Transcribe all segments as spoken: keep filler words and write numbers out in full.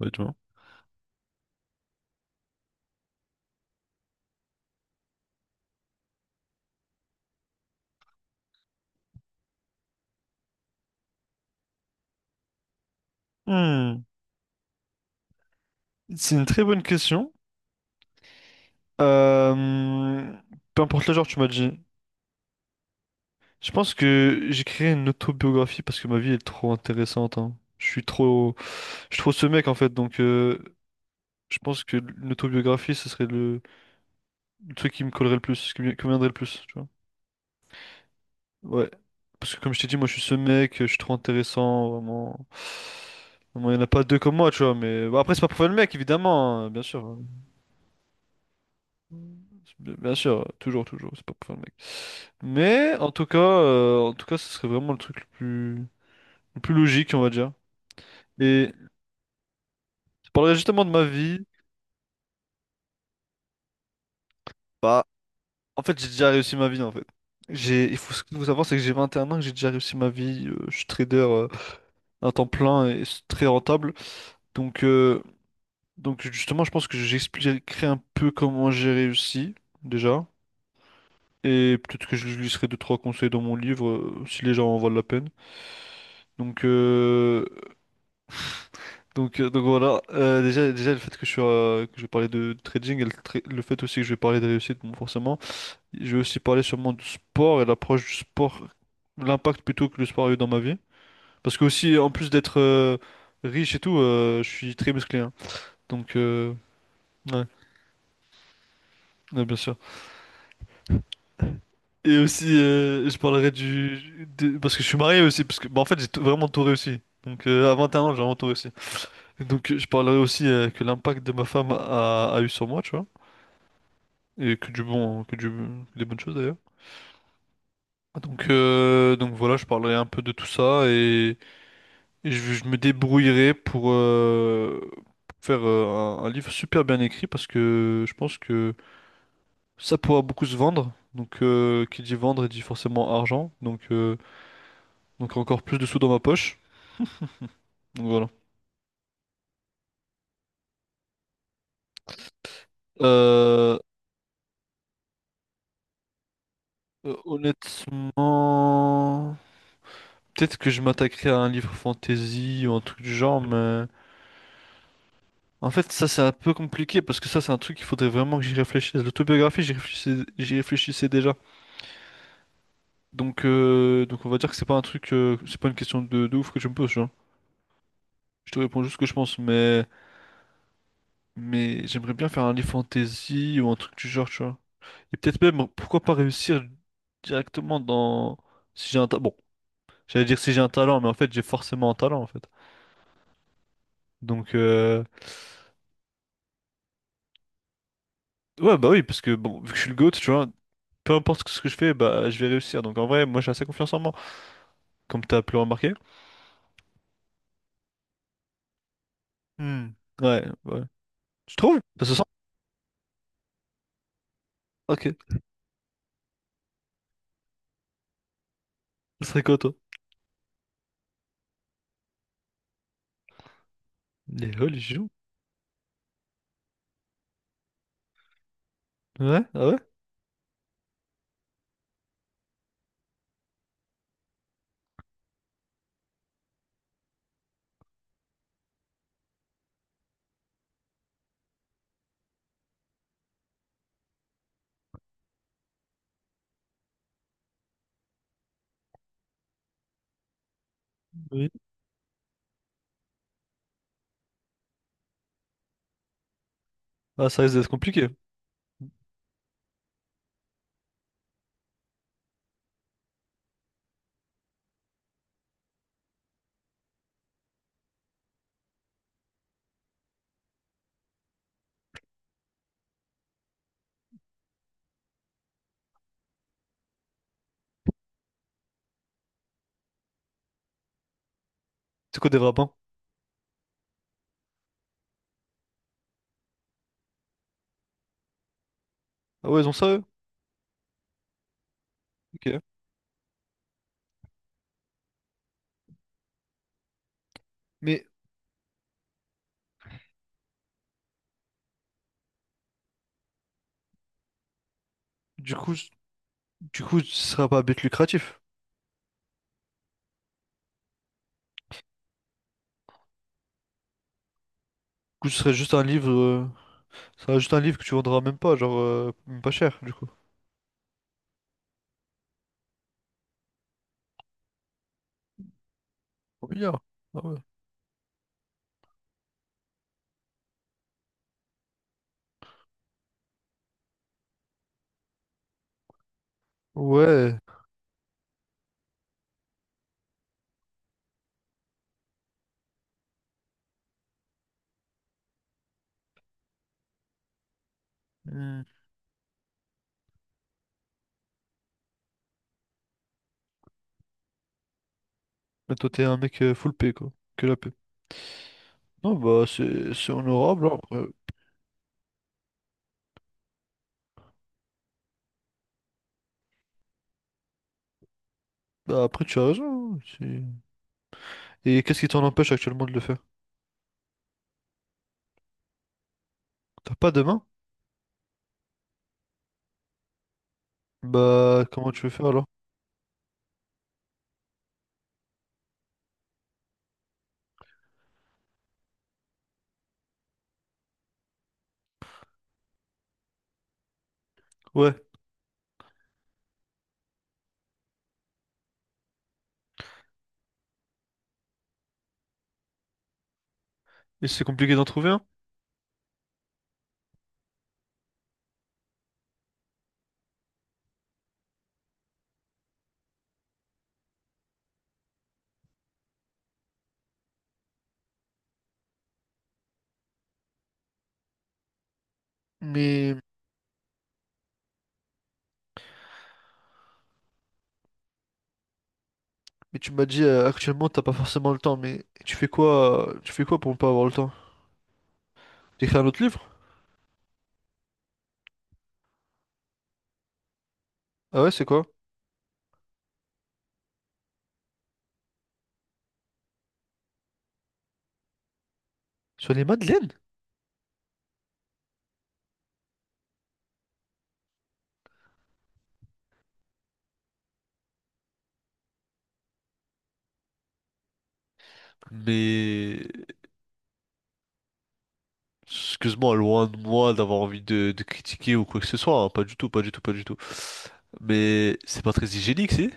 Honnêtement? Hmm, c'est une très bonne question. Euh, Peu importe le genre, tu m'as dit. Je pense que j'écrirai une autobiographie parce que ma vie est trop intéressante, hein. Je suis trop, je suis trop ce mec en fait. Donc, euh, je pense que une autobiographie, ce serait le, le truc qui me collerait le plus, ce qui me conviendrait le plus. Tu vois? Ouais. Parce que comme je t'ai dit, moi, je suis ce mec. Je suis trop intéressant, vraiment. Vraiment, il n'y en a pas deux comme moi, tu vois. Mais bon, après, c'est pas pour faire le mec, évidemment, hein, bien sûr, hein. Bien bien sûr, toujours, toujours, c'est pas pour faire le mec. Mais en tout cas, euh, en tout cas, ce serait vraiment le truc le plus, le plus logique, on va dire. Et je parlerais justement de ma vie. Bah, en fait, j'ai déjà réussi ma vie, en fait. J'ai, il faut, ce qu'il faut savoir, c'est que j'ai vingt et un ans, que j'ai déjà réussi ma vie. Euh, je suis trader euh, à temps plein et c'est très rentable. Donc, euh, donc justement, je pense que j'expliquerai un peu comment j'ai réussi, déjà. Et peut-être que je lui laisserai deux, trois conseils dans mon livre, euh, si les gens en valent la peine. Donc, euh, Donc, euh, donc voilà. Euh, déjà, déjà le fait que je suis, euh, que je vais parler de trading et le, tra- le fait aussi que je vais parler de réussite, bon, forcément. Je vais aussi parler sûrement du sport et l'approche du sport, l'impact plutôt que le sport a eu dans ma vie. Parce que aussi, en plus d'être euh, riche et tout, euh, je suis très musclé, hein. Donc, euh, ouais, ouais, bien sûr. Et aussi, euh, je parlerai du... de- parce que je suis marié aussi, parce que bah, en fait, j'ai tout- vraiment tout réussi. Donc, euh, à vingt et un ans, j'ai vraiment tout réussi. Donc, je parlerai aussi euh, que l'impact de ma femme a a eu sur moi, tu vois. Et que du bon, que du, que des bonnes choses d'ailleurs. Ah, donc, euh, donc voilà, je parlerai un peu de tout ça et, et je, je me débrouillerai pour, euh, pour faire euh, un, un livre super bien écrit parce que je pense que ça pourra beaucoup se vendre. Donc, euh, qui dit vendre dit forcément argent. Donc, euh, donc encore plus de sous dans ma poche. Donc voilà. Euh, euh, Honnêtement, peut-être que je m'attaquerai à un livre fantasy ou un truc du genre, mais. En fait, ça, c'est un peu compliqué parce que ça, c'est un truc qu'il faudrait vraiment que j'y réfléchisse. L'autobiographie, j'y réfléchissais, j'y réfléchissais déjà. Donc, euh, donc, on va dire que c'est pas un truc, euh, c'est pas une question de, de ouf que je me pose, tu vois. Je te réponds juste ce que je pense, mais, mais j'aimerais bien faire un livre fantasy ou un truc du genre, tu vois. Et peut-être même, pourquoi pas réussir directement dans. Si j'ai un talent. Bon, j'allais dire si j'ai un talent, mais en fait, j'ai forcément un talent, en fait. Donc, euh, ouais, bah oui, parce que, bon, vu que je suis le GOAT, tu vois, peu importe ce que je fais, bah, je vais réussir. Donc, en vrai, moi, j'ai assez confiance en moi. Comme t'as pu le remarquer? Hmm. Ouais, ouais. Tu trouves? Ça se sent? Ok. Ce serait quoi, toi? Les religions? Ouais, ah ouais? Oui. Ah, ça risque d'être compliqué. C'est quoi des rabbins? Ah ouais, ils ont ça, eux? Ok. Mais, du coup, c- du coup, ce sera pas à but lucratif. Du coup, ce serait juste un livre... euh, Ce sera juste un livre que tu vendras même pas, genre, euh, même pas cher, du coup. Au milliard. Ah ouais. Ouais. Hmm. Mais toi, t'es un mec euh, full paix, quoi. Que la paix. Non, bah, c'est c'est honorable, hein, après. Bah, après, tu as raison, hein, c'est- et qu'est-ce qui t'en empêche actuellement de le faire? T'as pas de main? Bah, comment tu veux faire alors? Ouais. Et c'est compliqué d'en trouver un? Mais, mais tu m'as dit euh, actuellement t'as pas forcément le temps, mais tu fais quoi, euh, tu fais quoi pour ne pas avoir le temps? T'écris un autre livre? Ah ouais, c'est quoi? Sur les madeleines? Mais excuse-moi, loin de moi d'avoir envie de, de critiquer ou quoi que ce soit, hein, pas du tout, pas du tout, pas du tout. Mais c'est pas très hygiénique, si?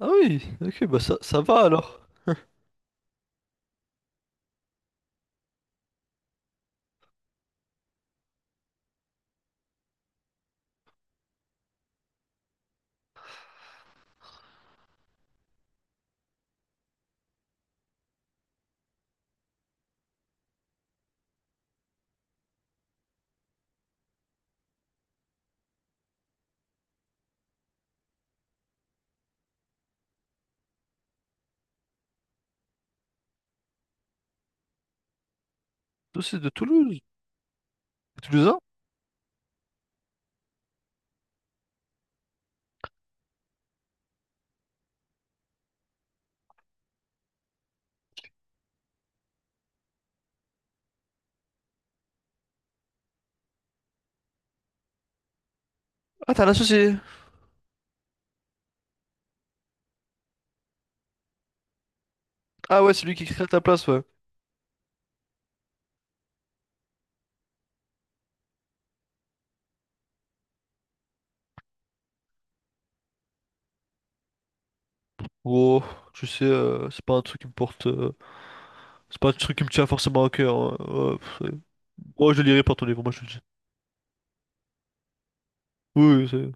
Ah oui, ok, bah ça, ça va alors. Associé de Toulouse. Toulousain? Ah, t'as un associé. Ah ouais, c'est lui qui crée à ta place, ouais. Oh, tu sais, euh, c'est pas un truc qui me porte. Euh, c'est pas un truc qui me tient forcément à cœur, hein. Ouais, pff, c'est- moi, je le lirai pas ton livre, moi je te le dis. Oui, oui, c'est.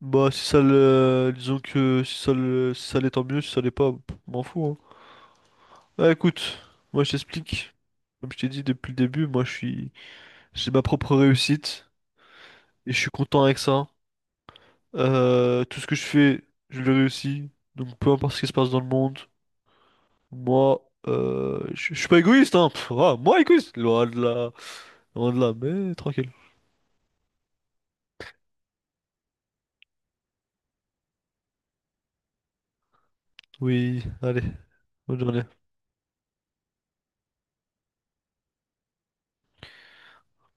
Bah, si ça le. Disons que si ça le... si ça l'est, tant mieux, si ça l'est pas, pff, m'en fous, hein. Bah écoute, moi je t'explique. Comme je t'ai dit depuis le début, moi je suis, j'ai ma propre réussite et je suis content avec ça. Euh, tout ce que je fais, je le réussis. Donc peu importe ce qui se passe dans le monde, moi, euh, je je suis pas égoïste, hein. Pff, ah, moi égoïste, loin de là, loin de là, mais tranquille. Oui, allez, bonne journée.